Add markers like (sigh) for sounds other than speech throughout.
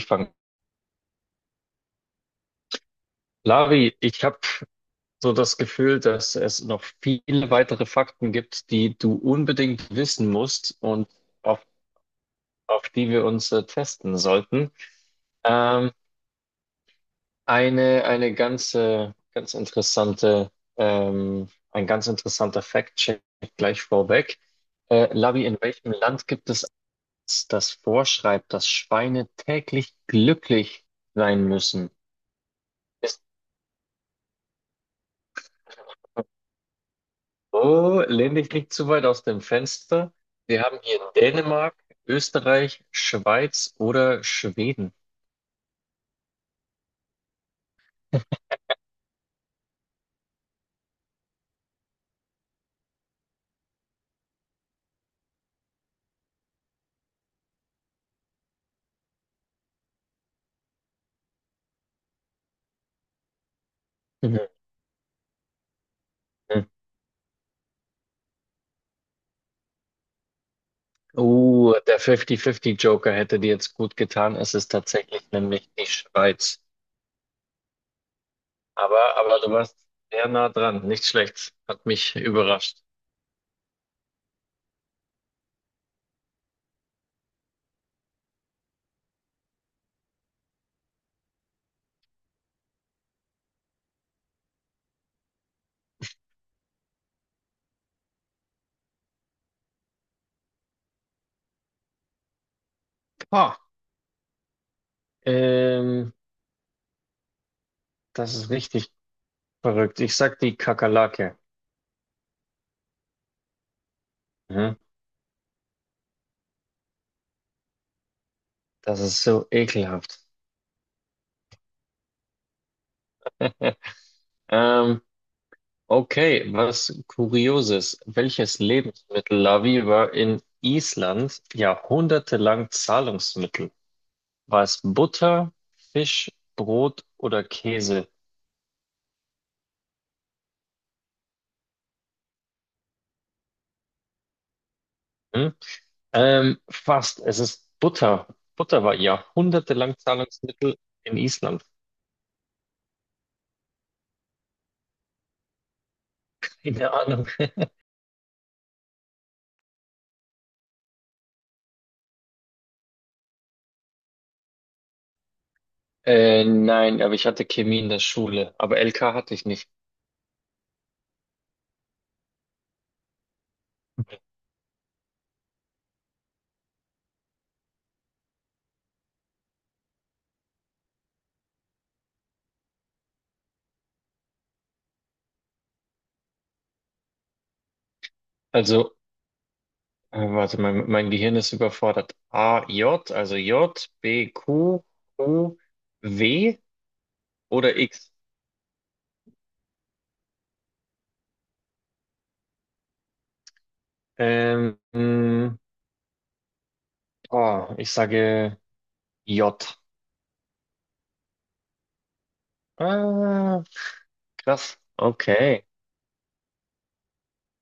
Anfangen. Lavi, ich habe so das Gefühl, dass es noch viele weitere Fakten gibt, die du unbedingt wissen musst und auf, auf die wir uns testen sollten. Ähm, eine ganz interessante, ein ganz interessanter Fact-Check gleich vorweg. Lavi, in welchem Land gibt es eins, das vorschreibt, dass Schweine täglich glücklich sein müssen? Oh, Lendig liegt zu weit aus dem Fenster. Wir haben hier Dänemark, Österreich, Schweiz oder Schweden. Mhm. Oh, der 50-50-Joker hätte dir jetzt gut getan. Es ist tatsächlich nämlich die Schweiz. Aber du warst sehr nah dran. Nicht schlecht. Hat mich überrascht. Ah, ähm, das ist richtig verrückt. Ich sag die Kakerlake. Mhm. Das ist so ekelhaft. (laughs) Ähm, Okay, was Kurioses. Welches Lebensmittel, Lavi, war in Island jahrhundertelang Zahlungsmittel? War es Butter, Fisch, Brot oder Käse? Hm? Fast, es ist Butter. Butter war jahrhundertelang Zahlungsmittel in Island. Keine Ahnung. Nein, aber ich hatte Chemie in der Schule, aber LK hatte ich nicht. Also also mein Gehirn ist überfordert. A, J, also J, B, Q, U, W oder X? Ähm, mh, oh, ich sage J. Ah, krass. Okay.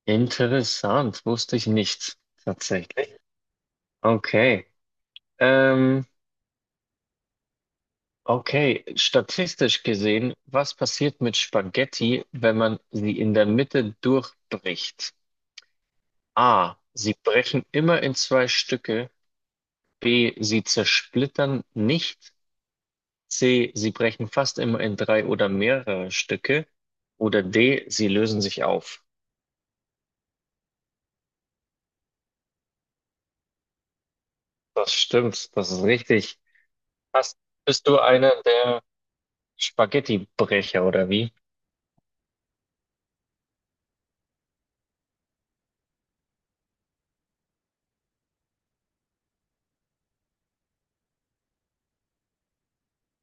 Interessant. Wusste ich nicht. Tatsächlich. Okay. Ähm, okay. Statistisch gesehen, was passiert mit Spaghetti, wenn man sie in der Mitte durchbricht? A. Sie brechen immer in zwei Stücke. B. Sie zersplittern nicht. C. Sie brechen fast immer in drei oder mehrere Stücke. Oder D. Sie lösen sich auf. Das stimmt, das ist richtig. Hast, bist du einer der Spaghettibrecher oder wie?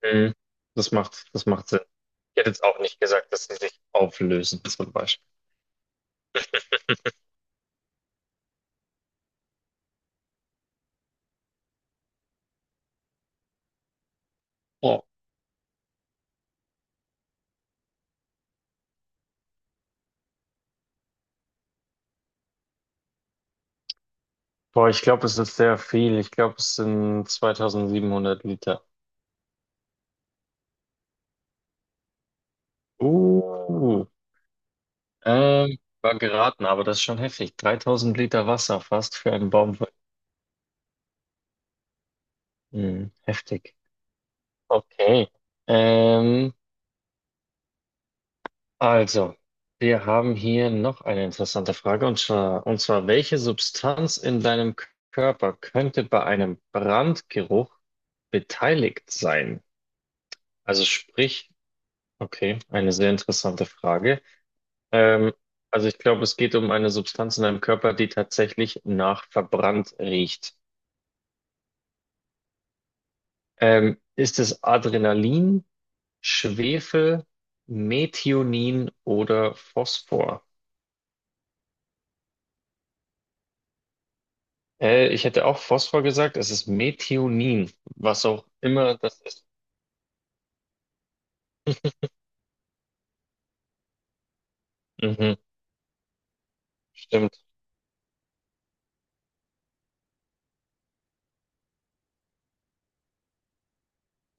Hm, das macht Sinn. Ich hätte jetzt auch nicht gesagt, dass sie sich auflösen, zum Beispiel. Ja. Boah, ich glaube, es ist sehr viel. Ich glaube, es sind 2700 Liter. Uh. War geraten, aber das ist schon heftig. 3000 Liter Wasser fast für einen Baum. Hm, heftig. Okay. Ähm, also, wir haben hier noch eine interessante Frage und zwar, welche Substanz in deinem Körper könnte bei einem Brandgeruch beteiligt sein? Also sprich, okay, eine sehr interessante Frage. Ähm, also ich glaube, es geht um eine Substanz in deinem Körper, die tatsächlich nach verbrannt riecht. Ist es Adrenalin, Schwefel, Methionin oder Phosphor? Ich hätte auch Phosphor gesagt, es ist Methionin, was auch immer das ist. Mhm, stimmt.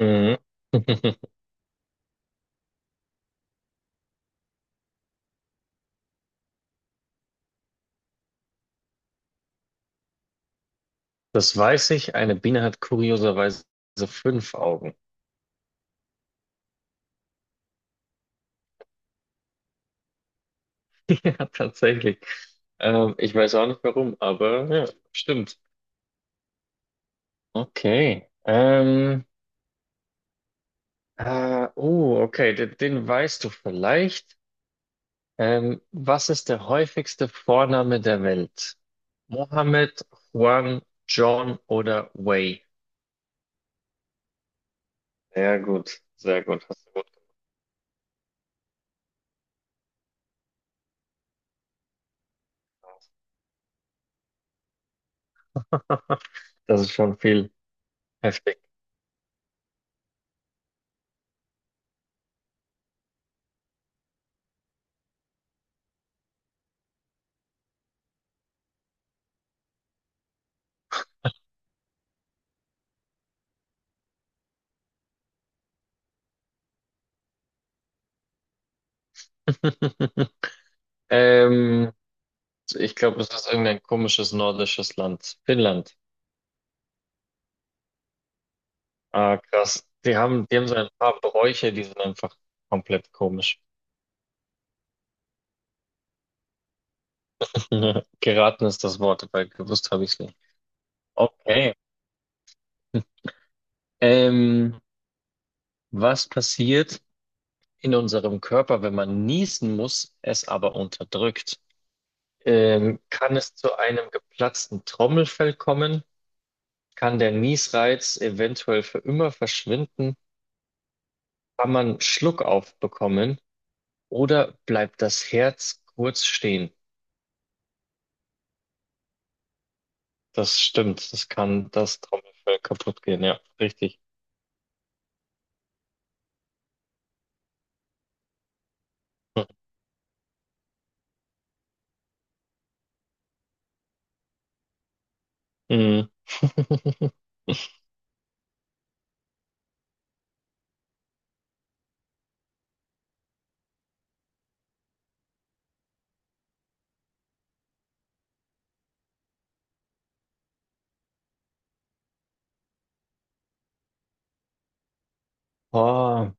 Mhm. (laughs) Das weiß ich. Eine Biene hat kurioserweise fünf Augen. (laughs) Ja, tatsächlich. Ich weiß auch nicht warum, aber ja, stimmt. Okay. Oh, okay, den weißt du vielleicht. Was ist der häufigste Vorname der Welt? Mohammed, Juan, John oder Wei? Sehr gut, sehr gut, hast du gut gemacht. (laughs) Das ist schon viel heftig. (laughs) Ähm, ich glaube, es ist irgendein komisches nordisches Land. Finnland. Ah, krass. Die haben so ein paar Bräuche, die sind einfach komplett komisch. (laughs) Geraten ist das Wort, weil gewusst habe ich es nicht. Okay. Ähm, was passiert, in unserem Körper, wenn man niesen muss, es aber unterdrückt. Kann es zu einem geplatzten Trommelfell kommen? Kann der Niesreiz eventuell für immer verschwinden? Kann man Schluckauf bekommen? Oder bleibt das Herz kurz stehen? Das stimmt, das kann das Trommelfell kaputt gehen, ja, richtig. Hm. Mhm. (laughs) Oh,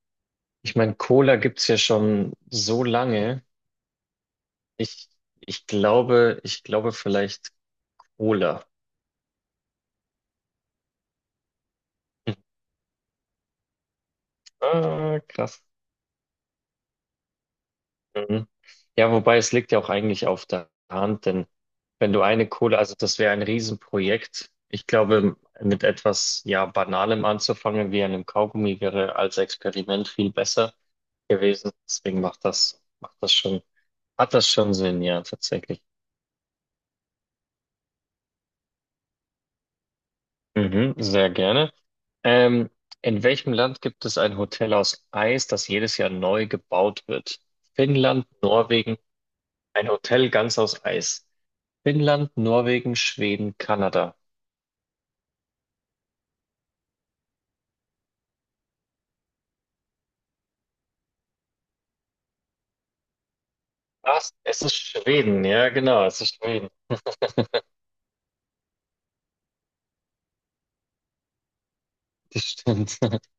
ich meine, Cola gibt's ja schon so lange. Ich, ich glaube vielleicht Cola. Ah, krass. Mhm. Ja, wobei es liegt ja auch eigentlich auf der Hand, denn wenn du eine Kohle, also das wäre ein Riesenprojekt. Ich glaube, mit etwas ja Banalem anzufangen, wie einem Kaugummi, wäre als Experiment viel besser gewesen. Deswegen macht macht das schon, hat das schon Sinn, ja, tatsächlich. Mhm, sehr gerne. Ähm, in welchem Land gibt es ein Hotel aus Eis, das jedes Jahr neu gebaut wird? Finnland, Norwegen, ein Hotel ganz aus Eis. Finnland, Norwegen, Schweden, Kanada. Was? Es ist Schweden, ja, genau, es ist Schweden. Das stimmt. (laughs)